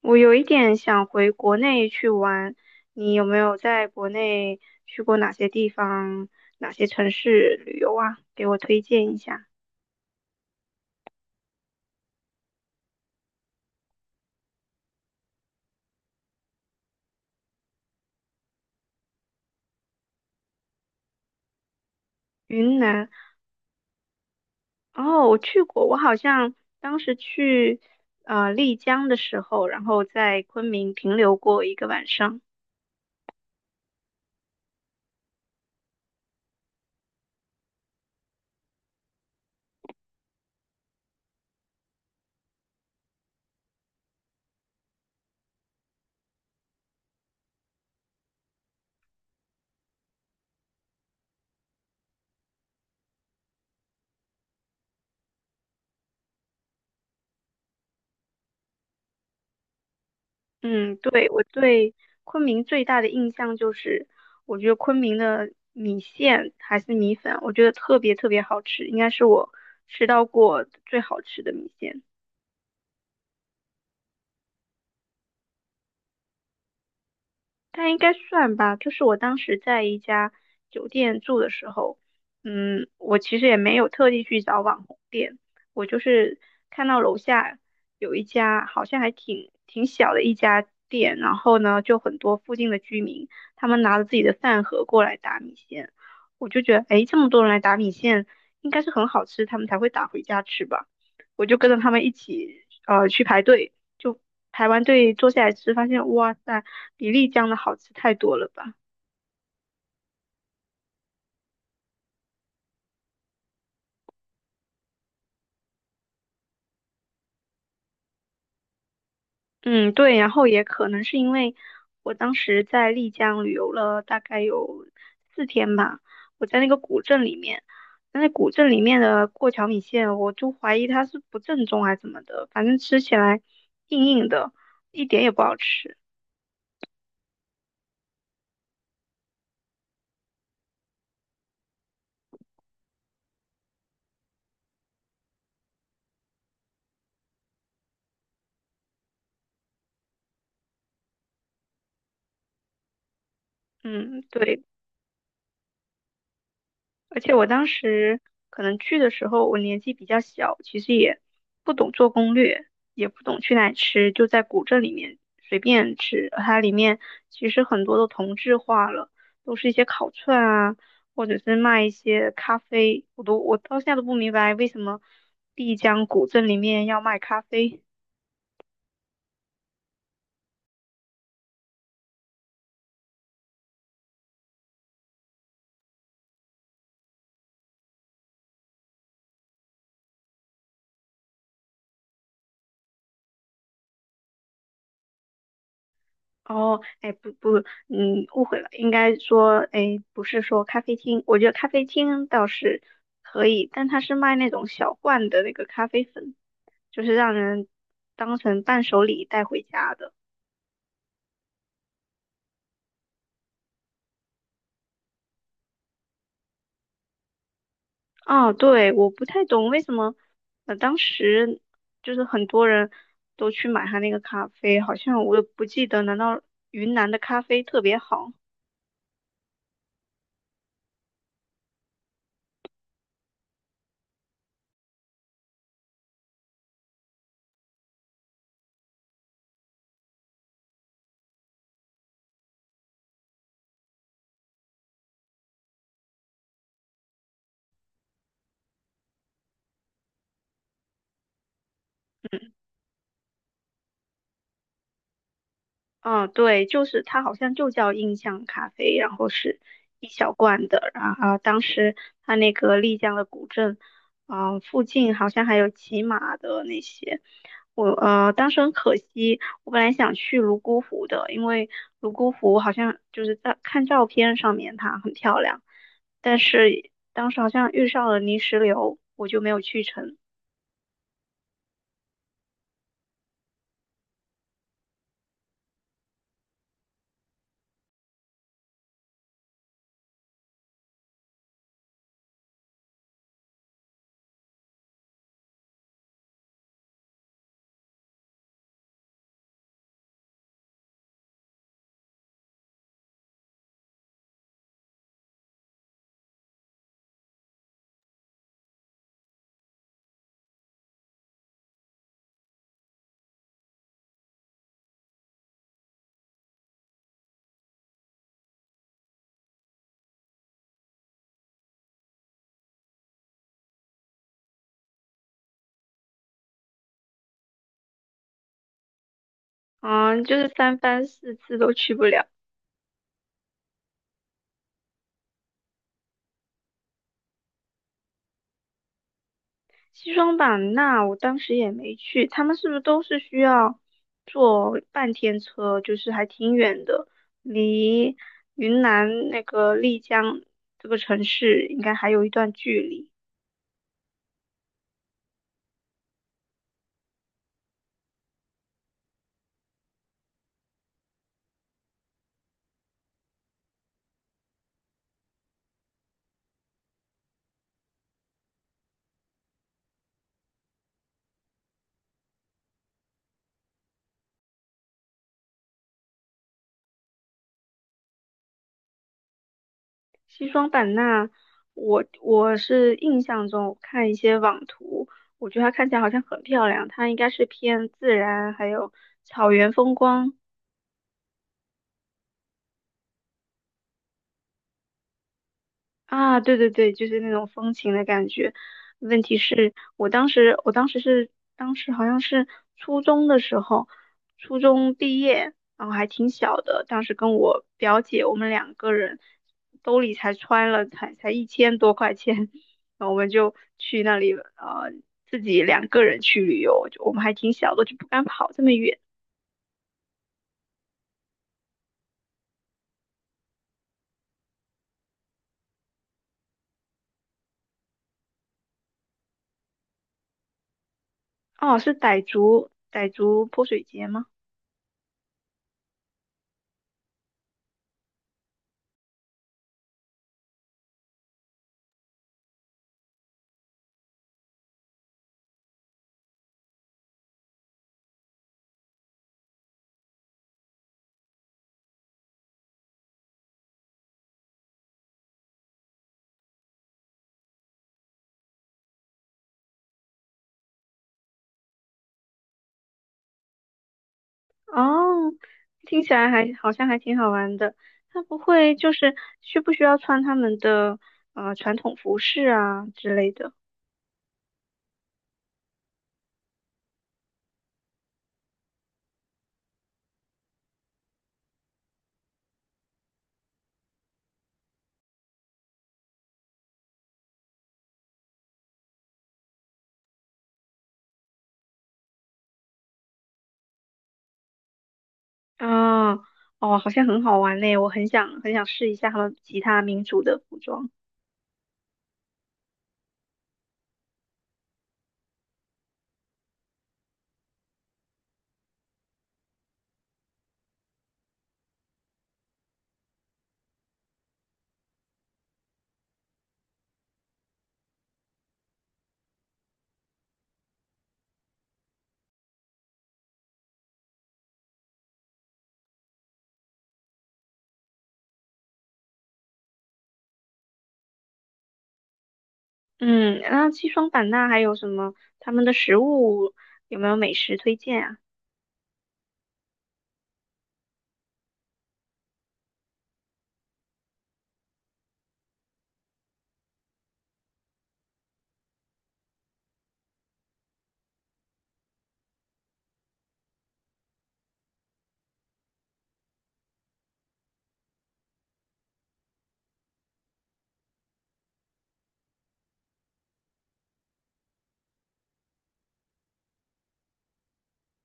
我有一点想回国内去玩，你有没有在国内去过哪些地方、哪些城市旅游啊？给我推荐一下。云南，哦，我去过，我好像当时去丽江的时候，然后在昆明停留过一个晚上。嗯，对，我对昆明最大的印象就是，我觉得昆明的米线还是米粉，我觉得特别特别好吃，应该是我吃到过最好吃的米线。但应该算吧，就是我当时在一家酒店住的时候，嗯，我其实也没有特地去找网红店，我就是看到楼下有一家好像还挺小的一家店，然后呢，就很多附近的居民，他们拿着自己的饭盒过来打米线，我就觉得，诶，这么多人来打米线，应该是很好吃，他们才会打回家吃吧，我就跟着他们一起，去排队。就台湾队坐下来吃，发现哇塞，比丽江的好吃太多了吧？嗯，对，然后也可能是因为我当时在丽江旅游了大概有4天吧，我在那个古镇里面，那古镇里面的过桥米线，我就怀疑它是不正宗还是怎么的，反正吃起来硬硬的，一点也不好吃。嗯，对。而且我当时可能去的时候，我年纪比较小，其实也不懂做攻略，也不懂去哪里吃，就在古镇里面随便吃。它里面其实很多都同质化了，都是一些烤串啊，或者是卖一些咖啡。我到现在都不明白为什么丽江古镇里面要卖咖啡。哦，哎，不不，嗯，误会了，应该说，哎，不是说咖啡厅，我觉得咖啡厅倒是可以，但它是卖那种小罐的那个咖啡粉，就是让人当成伴手礼带回家的。啊，对，我不太懂为什么，当时就是很多人都去买他那个咖啡，好像我也不记得，难道云南的咖啡特别好？嗯，对，就是它好像就叫印象咖啡，然后是一小罐的，然后当时它那个丽江的古镇，嗯、附近好像还有骑马的那些，我当时很可惜，我本来想去泸沽湖的，因为泸沽湖好像就是在看照片上面它很漂亮，但是当时好像遇上了泥石流，我就没有去成，嗯，就是三番四次都去不了。西双版纳我当时也没去，他们是不是都是需要坐半天车，就是还挺远的，离云南那个丽江这个城市应该还有一段距离。西双版纳，我是印象中我看一些网图，我觉得它看起来好像很漂亮，它应该是偏自然还有草原风光啊，对对对，就是那种风情的感觉。问题是我当时，我当时是，当时好像是初中的时候，初中毕业，然后还挺小的。当时跟我表姐，我们两个人兜里才揣了才1000多块钱，然后我们就去那里，呃，自己两个人去旅游，就我们还挺小的，就不敢跑这么远。哦，是傣族泼水节吗？哦，听起来还好像还挺好玩的。他不会就是需不需要穿他们的传统服饰啊之类的？啊，哦，好像很好玩嘞，我很想很想试一下他们其他民族的服装。嗯，那西双版纳还有什么？他们的食物有没有美食推荐啊？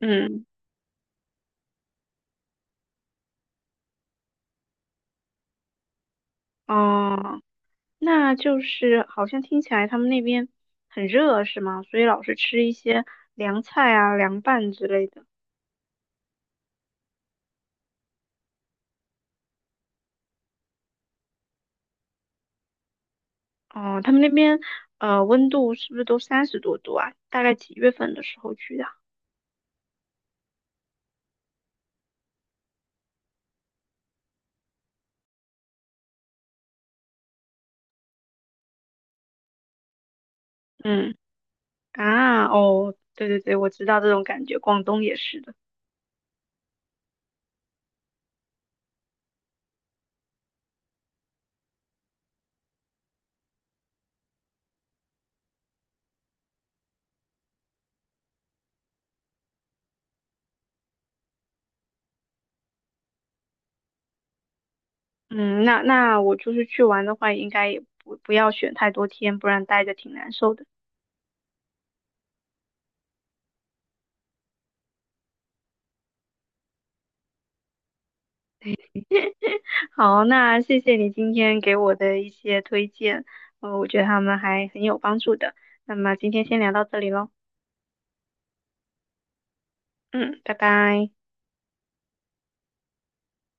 嗯，哦，那就是好像听起来他们那边很热是吗？所以老是吃一些凉菜啊、凉拌之类的。哦，他们那边温度是不是都30多度啊？大概几月份的时候去的？嗯啊，哦，对对对，我知道这种感觉，广东也是的。嗯，那那我就是去玩的话，应该也不要选太多天，不然待着挺难受的。好，那谢谢你今天给我的一些推荐，我觉得他们还很有帮助的。那么今天先聊到这里喽，嗯，拜拜。